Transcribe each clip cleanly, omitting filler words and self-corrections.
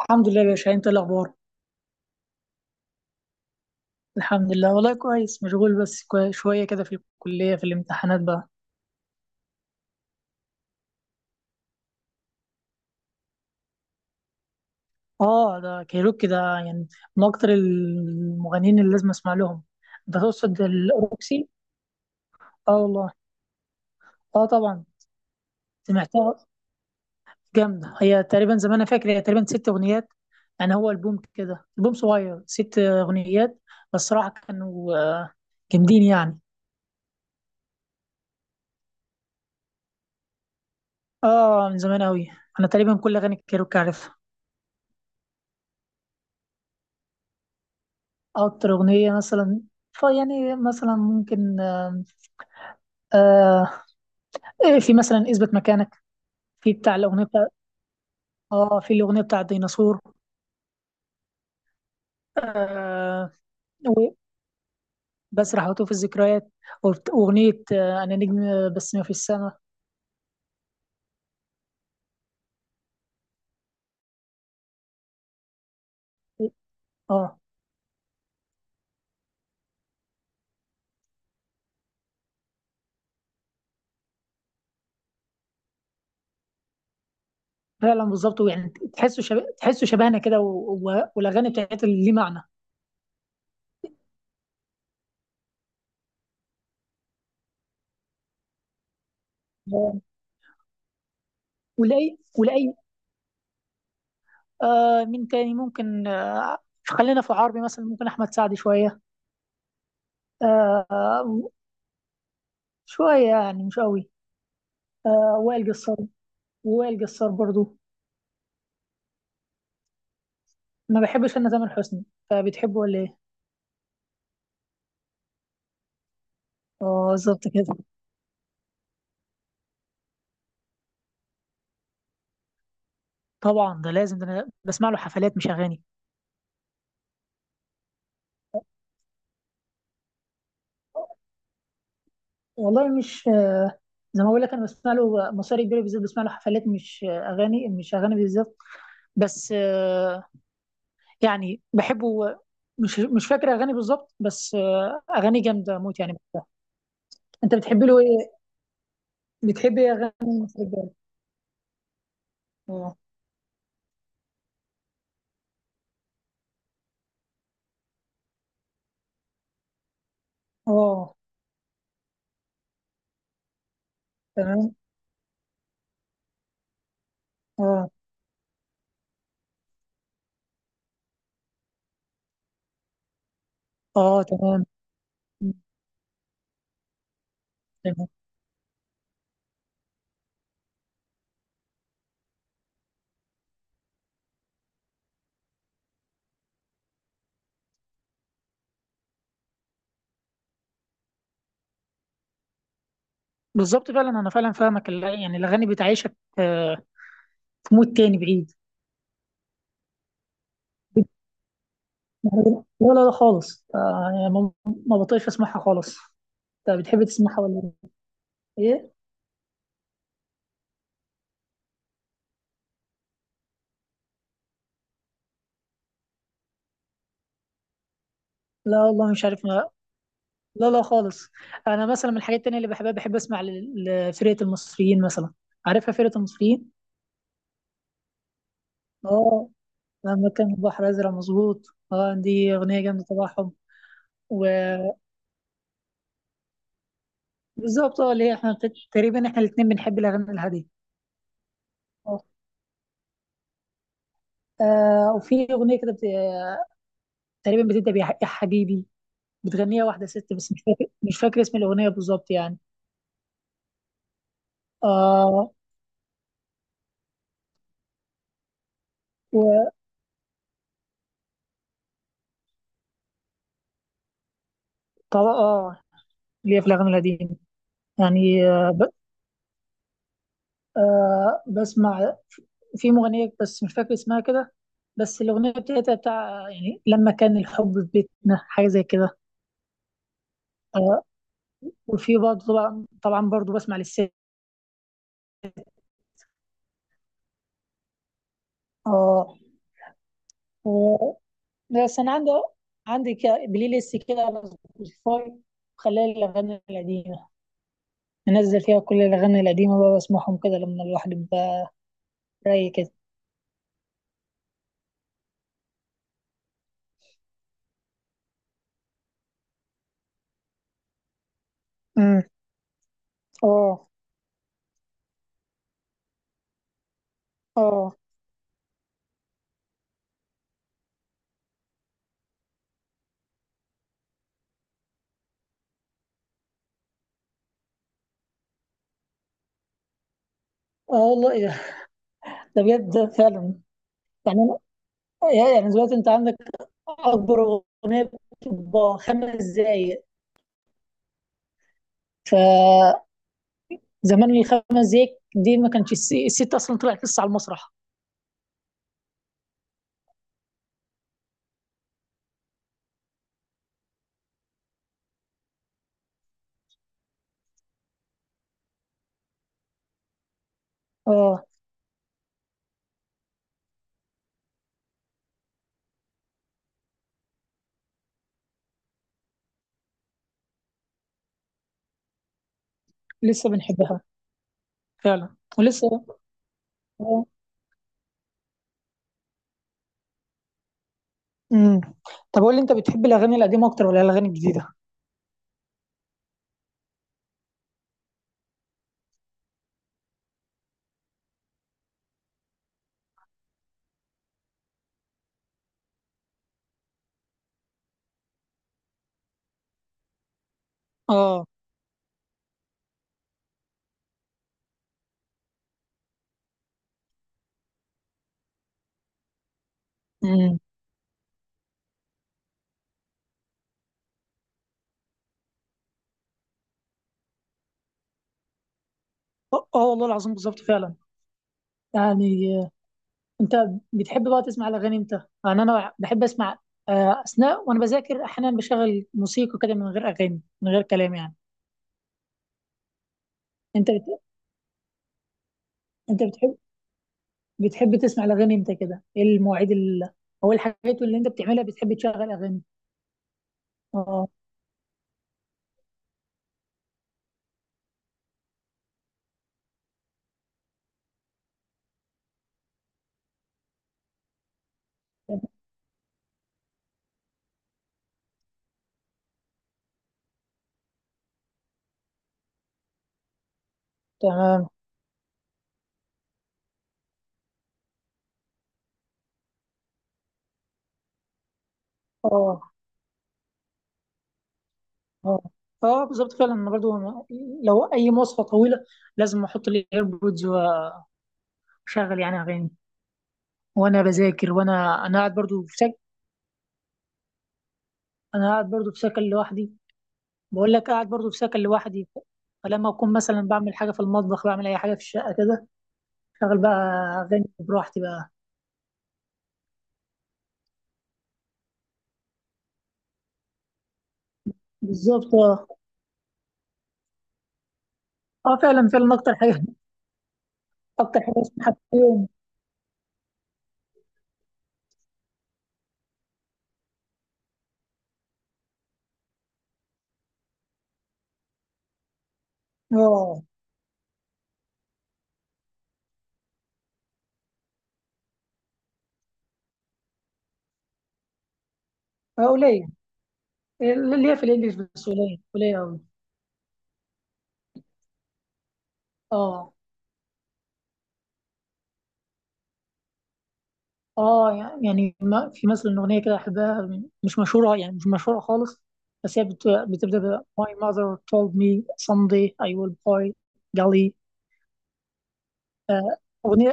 الحمد لله يا باشا، انت إيه الاخبار؟ الحمد لله والله كويس، مشغول بس شويه كده في الكليه، في الامتحانات بقى. اه ده كايروكي ده، يعني من اكتر المغنيين اللي لازم اسمع لهم. ده تقصد الاوروكسي. اه والله. اه طبعا. سمعتها جامده، هي تقريبا زي ما انا فاكر هي تقريبا ست اغنيات، يعني هو البوم كده، البوم صغير ست اغنيات. بس صراحه كانوا جامدين يعني. اه من زمان قوي، انا تقريبا كل اغاني كايروكي عارفها. أكتر أغنية مثلا، فيعني مثلا ممكن آه آه، إيه، في مثلا اثبت مكانك، في بتاع الأغنية بتاع في الأغنية بتاع الديناصور. آه و- بسرح وأتوه الذكريات، وأغنية أنا نجم، بس ما في السماء. آه فعلا بالظبط يعني، تحسوا شبه، تحسوا شبهنا كده والأغاني بتاعتها اللي ليه معنى. آه، ولأي، مين تاني ممكن؟ خلينا في عربي مثلا، ممكن أحمد سعد شوية. آه شوية يعني مش قوي. آه وائل جسار، وائل جسار برضو. ما بحبش انا تامر حسني، فبتحبه ولا ايه؟ اه بالظبط كده. طبعا ده لازم، ده انا بسمع له حفلات مش اغاني. والله مش، زي ما بقول لك انا بسمع له مصاري كبيره، بالذات بسمع له حفلات مش اغاني، مش اغاني بالذات. بس يعني بحبه، مش فاكر اغاني بالظبط، بس اغاني جامده موت يعني بحبها. انت بتحب له ايه؟ بتحب ايه؟ اغاني مصاري كبيره. اه. اه تمام. اه. اه تمام. تمام بالظبط فعلا، انا فعلا فاهمك، يعني الاغاني بتعيشك، في مود تاني بعيد. لا، لا خالص، يعني ما بطيقش اسمعها خالص. انت بتحب تسمعها ولا ايه؟ لا والله مش عارف ما. لا خالص. انا مثلا من الحاجات التانية اللي بحبها، بحب اسمع لفرقة المصريين مثلا، عارفها فرقة المصريين. اه لما كان البحر ازرق، مظبوط. اه دي اغنية جامدة تبعهم. وبالظبط اه، اللي هي احنا تقريبا احنا الاتنين بنحب الاغاني الهادية. اه وفي اغنية كده تقريبا بتبدا بيا يا حبيبي، بتغنيها واحده ست، بس مش فاكر اسم الاغنيه بالظبط يعني. اه وطبعا اه، اللي هي في الاغاني القديمه يعني. آه ب... آه بسمع في مغنيه، بس مش فاكر اسمها كده، بس الاغنيه بتاعتها بتاع يعني لما كان الحب في بيتنا، حاجه زي كده. آه وفي برضه، طبعا برضه بسمع للست. اه و- بس انا عندي كده بلاي ليست كده على سبوتيفاي، خلال الاغاني القديمه، انزل فيها كل الاغاني القديمه بقى واسمعهم كده لما الواحد يبقى رايق كده. امم. اه. اه. اه والله، إيه ده؟ ده بجد فعلا، يعني يعني دلوقتي انت عندك اكبر اغنيه بتبقى خمس دقايق. فزمان الخمس دقايق دي ما كانش الست اصلا طلعت لسه على المسرح. اه لسه بنحبها. فعلا ولسه. اه. امم. طب قول لي، انت بتحب الاغاني القديمه اكتر ولا الاغاني الجديده؟ اه. امم. اه آه والله العظيم بالظبط فعلا. يعني انت بتحب بقى تسمع الاغاني امتى؟ يعني انا بحب اسمع، اثناء وانا بذاكر احيانا بشغل موسيقى كده من غير اغاني، من غير كلام يعني. انت بت... انت بتحب تسمع الاغاني امتى كده، ايه المواعيد او إيه الحاجات اللي انت بتعملها بتحب تشغل اغاني؟ اه تمام. اه. اه. اه بالظبط فعلا. انا برضو لو اي مواصفه طويله لازم احط لي ايربودز واشغل يعني اغاني، وانا بذاكر، وانا قاعد برضو في سكن. انا قاعد برضو في سكن لوحدي. بقول لك قاعد برضو في سكن لوحدي، فلما اكون مثلا بعمل حاجه في المطبخ، بعمل اي حاجه في الشقه كده، شغل بقى اغاني براحتي بقى. بالظبط اه. اه فعلا، فعلا اكتر حاجه. اكتر حاجه اسمها في اليوم. اه قليل، اللي هي في الانجليش بس قليل، قليل قوي. اه. اه يعني ما في مثلا اغنيه كده احبها، مش مشهوره يعني مش مشهوره خالص، بس هي بتبدا ب My mother told me someday I will buy Gali.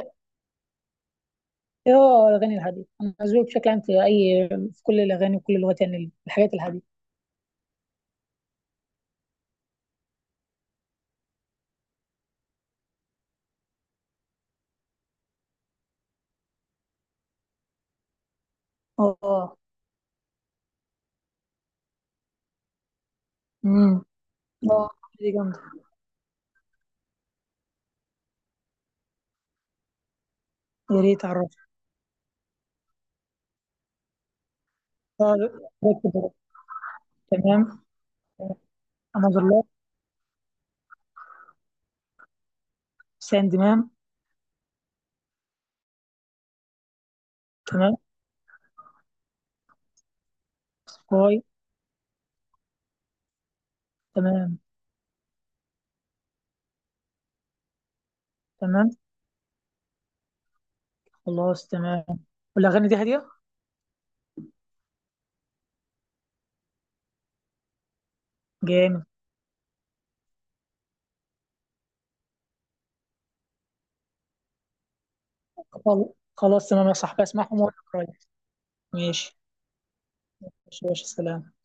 اه الاغاني الهاديه، انا ذوقي بشكل عام في اي، في كل الاغاني وكل اللغات يعني الحاجات الهاديه. اه. امم. اه دي جامده، يا ريت اعرفها. اه ده كده. تمام. انا الله. سان تمام. تمام كوي. تمام. تمام خلاص تمام والاغاني دي هاديه؟ جامد. خلاص تمام يا صاحبي، اسمعهم واقول لك رايي. ماشي. ماشي يا باشا، سلام.